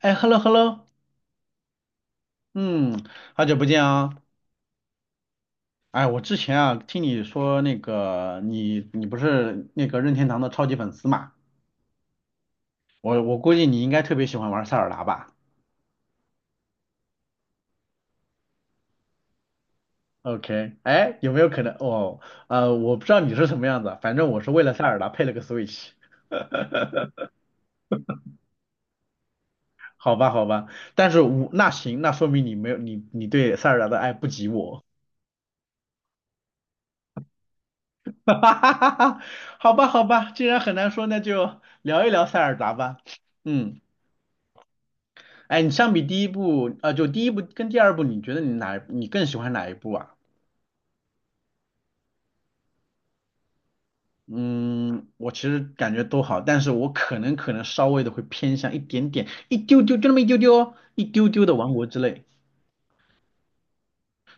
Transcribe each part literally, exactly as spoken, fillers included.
哎，hello hello，嗯，好久不见啊！哎，我之前啊听你说那个你你不是那个任天堂的超级粉丝嘛？我我估计你应该特别喜欢玩塞尔达吧？OK，哎，有没有可能哦？呃，我不知道你是什么样子，反正我是为了塞尔达配了个 Switch，好吧好吧，但是我那行，那说明你没有你你对塞尔达的爱不及我，哈哈哈哈哈，好吧好吧，既然很难说，那就聊一聊塞尔达吧，嗯。哎，你相比第一部，呃，就第一部跟第二部，你觉得你哪你更喜欢哪一部啊？嗯，我其实感觉都好，但是我可能可能稍微的会偏向一点点，一丢丢，就那么一丢丢哦，一丢丢的《王国之泪》，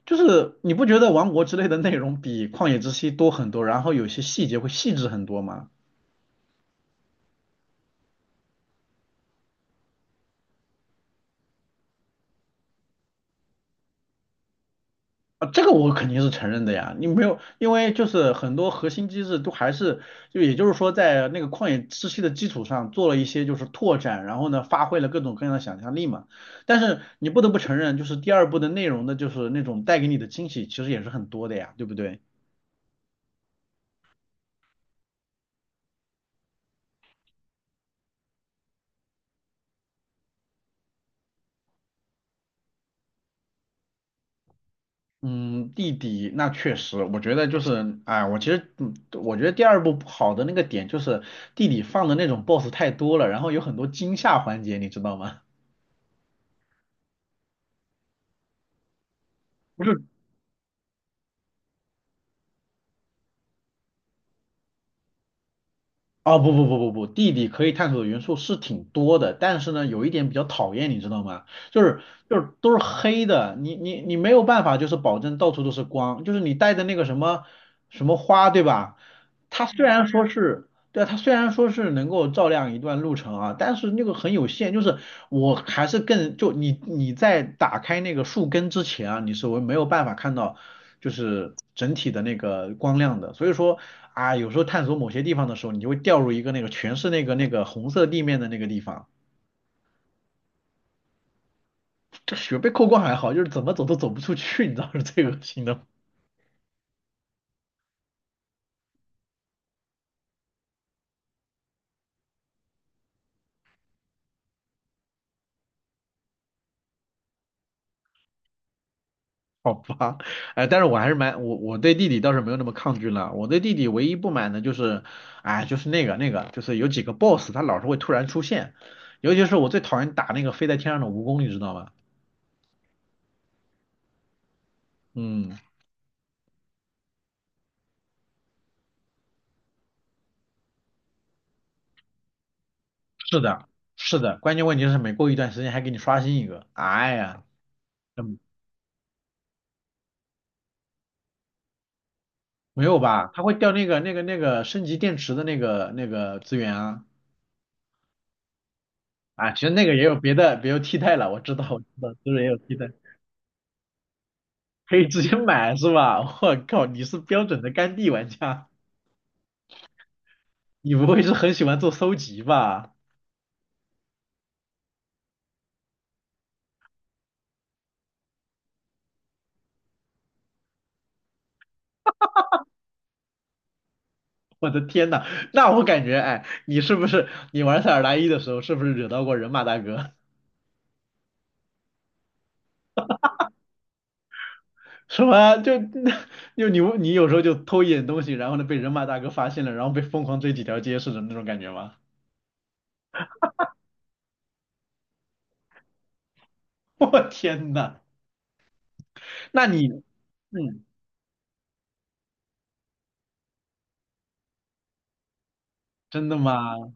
就是你不觉得《王国之泪》的内容比《旷野之息》多很多，然后有些细节会细致很多吗？啊，这个我肯定是承认的呀，你没有，因为就是很多核心机制都还是，就也就是说在那个旷野之息的基础上做了一些就是拓展，然后呢发挥了各种各样的想象力嘛。但是你不得不承认，就是第二部的内容的，就是那种带给你的惊喜其实也是很多的呀，对不对？嗯，弟弟，那确实，我觉得就是，哎，我其实，嗯，我觉得第二部不好的那个点就是弟弟放的那种 B O S S 太多了，然后有很多惊吓环节，你知道吗？不是。哦，不不不不不，地理可以探索的元素是挺多的，但是呢，有一点比较讨厌，你知道吗？就是就是都是黑的，你你你没有办法，就是保证到处都是光，就是你带的那个什么什么花，对吧？它虽然说是对啊，它虽然说是能够照亮一段路程啊，但是那个很有限，就是我还是更就你你在打开那个树根之前啊，你是我没有办法看到就是整体的那个光亮的，所以说啊，有时候探索某些地方的时候，你就会掉入一个那个全是那个那个红色地面的那个地方，这雪被扣光还好，就是怎么走都走不出去，你知道是最恶心的好吧，哎，但是我还是蛮我我对弟弟倒是没有那么抗拒了。我对弟弟唯一不满的就是，哎，就是那个那个，就是有几个 boss 他老是会突然出现，尤其是我最讨厌打那个飞在天上的蜈蚣，你知道吗？嗯，是的，是的，关键问题是每过一段时间还给你刷新一个，哎呀，嗯，没有吧？他会掉那个那个那个升级电池的那个那个资源啊，啊，其实那个也有别的，别有替代了，我知道我知道，就是也有替代。可以直接买是吧？我靠，你是标准的肝地玩家，你不会是很喜欢做搜集吧？我的天呐，那我感觉，哎，你是不是你玩塞尔达一的时候，是不是惹到过人马大哥？什么？就 就你你有时候就偷一点东西，然后呢被人马大哥发现了，然后被疯狂追几条街似的那种感觉吗？我天呐，那你，嗯，真的吗？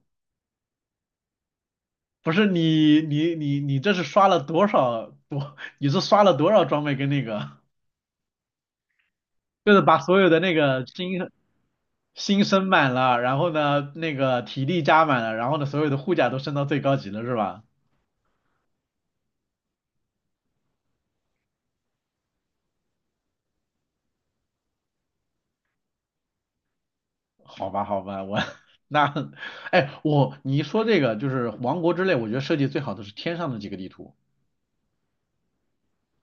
不是你你你你这是刷了多少多？你是刷了多少装备跟那个？就是把所有的那个心心升满了，然后呢，那个体力加满了，然后呢，所有的护甲都升到最高级了，是吧？好吧，好吧，我 那，哎，我你一说这个就是王国之泪，我觉得设计最好的是天上的几个地图，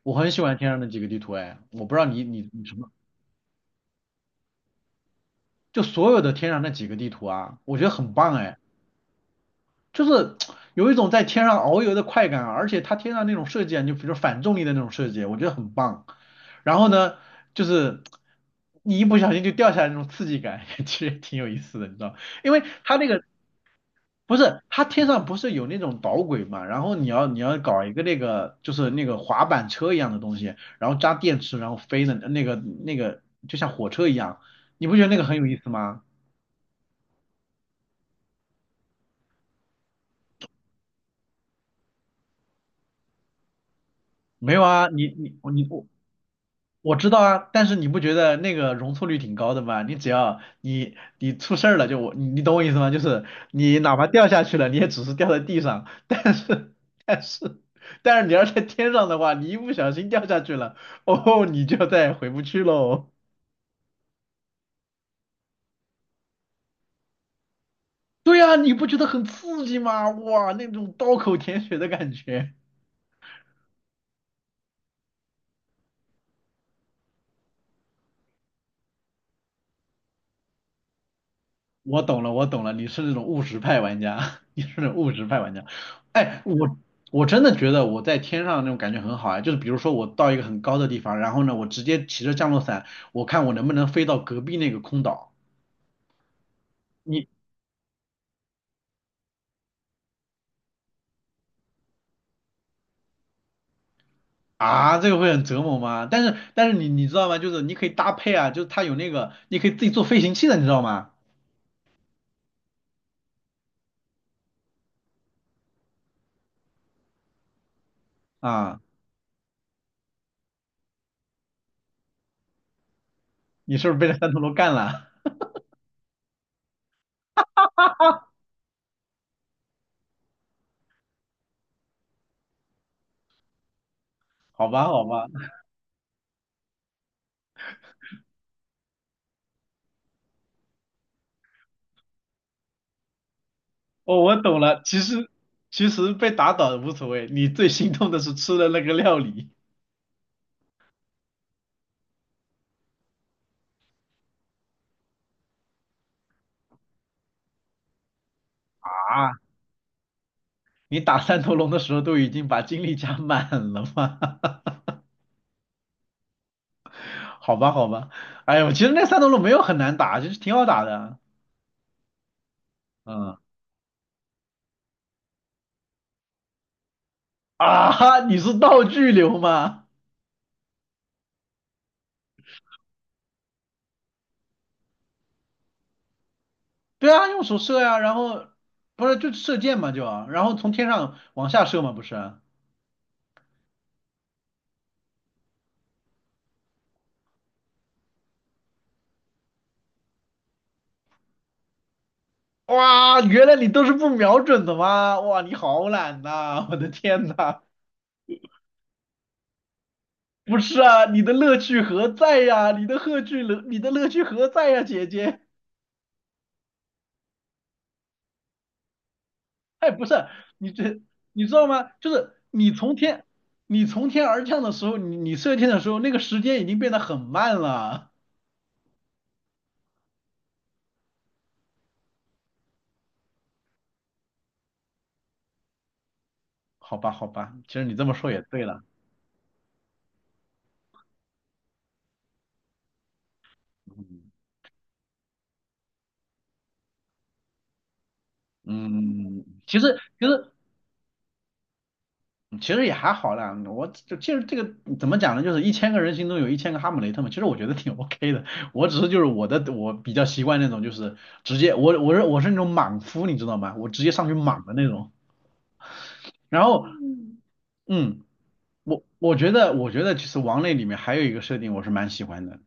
我很喜欢天上的几个地图，哎，我不知道你你你什么，就所有的天上那几个地图啊，我觉得很棒，哎。就是有一种在天上遨游的快感啊，而且它天上那种设计啊，就比如反重力的那种设计，我觉得很棒。然后呢，就是你一不小心就掉下来那种刺激感，其实挺有意思的，你知道？因为它那个不是它天上不是有那种导轨嘛，然后你要你要搞一个那个就是那个滑板车一样的东西，然后扎电池然后飞的那个那个就像火车一样，你不觉得那个很有意思吗？没有啊，你你我你我我知道啊，但是你不觉得那个容错率挺高的吗？你只要你你出事儿了，就我你你懂我意思吗？就是你哪怕掉下去了，你也只是掉在地上，但是但是但是你要在天上的话，你一不小心掉下去了，哦，你就再也回不去喽。对呀，你不觉得很刺激吗？哇，那种刀口舔血的感觉。我懂了，我懂了，你是那种务实派玩家，你是那种务实派玩家。哎，我我真的觉得我在天上那种感觉很好啊，就是比如说我到一个很高的地方，然后呢，我直接骑着降落伞，我看我能不能飞到隔壁那个空岛。你啊，这个会很折磨吗？但是但是你你知道吗？就是你可以搭配啊，就是它有那个，你可以自己做飞行器的，你知道吗？啊，你是不是被那三头龙干了？好吧，好吧，哦，我懂了。其实其实被打倒无所谓，你最心痛的是吃了那个料理。啊，你打 三头龙的时候都已经把精力加满了吗？好吧，好吧，哎呦，其实那三头龙没有很难打，就是挺好打的。嗯啊哈，你是道具流吗？对啊，用手射呀、然后不是就射箭嘛就啊，然后从天上往下射嘛不是啊？哇，原来你都是不瞄准的吗？哇，你好懒呐、我的天呐，不是啊，你的乐趣何在呀、你的乐趣何，你的乐趣何在呀、姐姐？哎，不是，你这你知道吗？就是你从天你从天而降的时候，你你射箭的时候，那个时间已经变得很慢了。好吧，好吧，其实你这么说也对了。嗯嗯，其实其实其实也还好啦。我就其实这个怎么讲呢？就是一千个人心中有一千个哈姆雷特嘛。其实我觉得挺 OK 的。我只是就是我的我比较习惯那种就是直接我我是我是那种莽夫，你知道吗？我直接上去莽的那种。然后嗯。我我觉得，我觉得其实王类里面还有一个设定我是蛮喜欢的，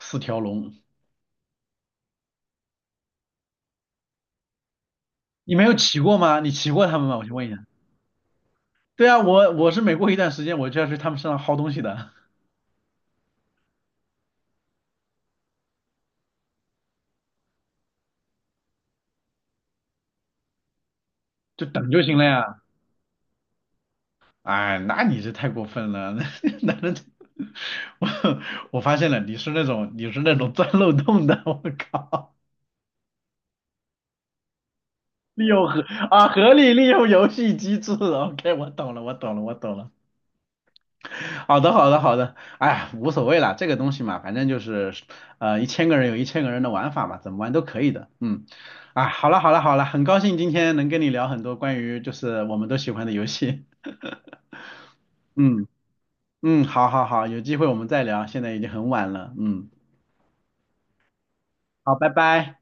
四条龙。你没有骑过吗？你骑过他们吗？我先问一下。对啊，我我是每过一段时间我就要去他们身上薅东西的，就等就行了呀。哎，那你这太过分了，那那那。我我发现了，你是那种你是那种钻漏洞的，我靠，利用合啊合理利用游戏机制，OK，我懂了，我懂了，我懂了。好的，好的，好的，哎呀，无所谓啦，这个东西嘛，反正就是，呃，一千个人有一千个人的玩法嘛，怎么玩都可以的，嗯，啊，好了，好了，好了，很高兴今天能跟你聊很多关于就是我们都喜欢的游戏，嗯嗯，好好好，有机会我们再聊，现在已经很晚了，嗯，好，拜拜。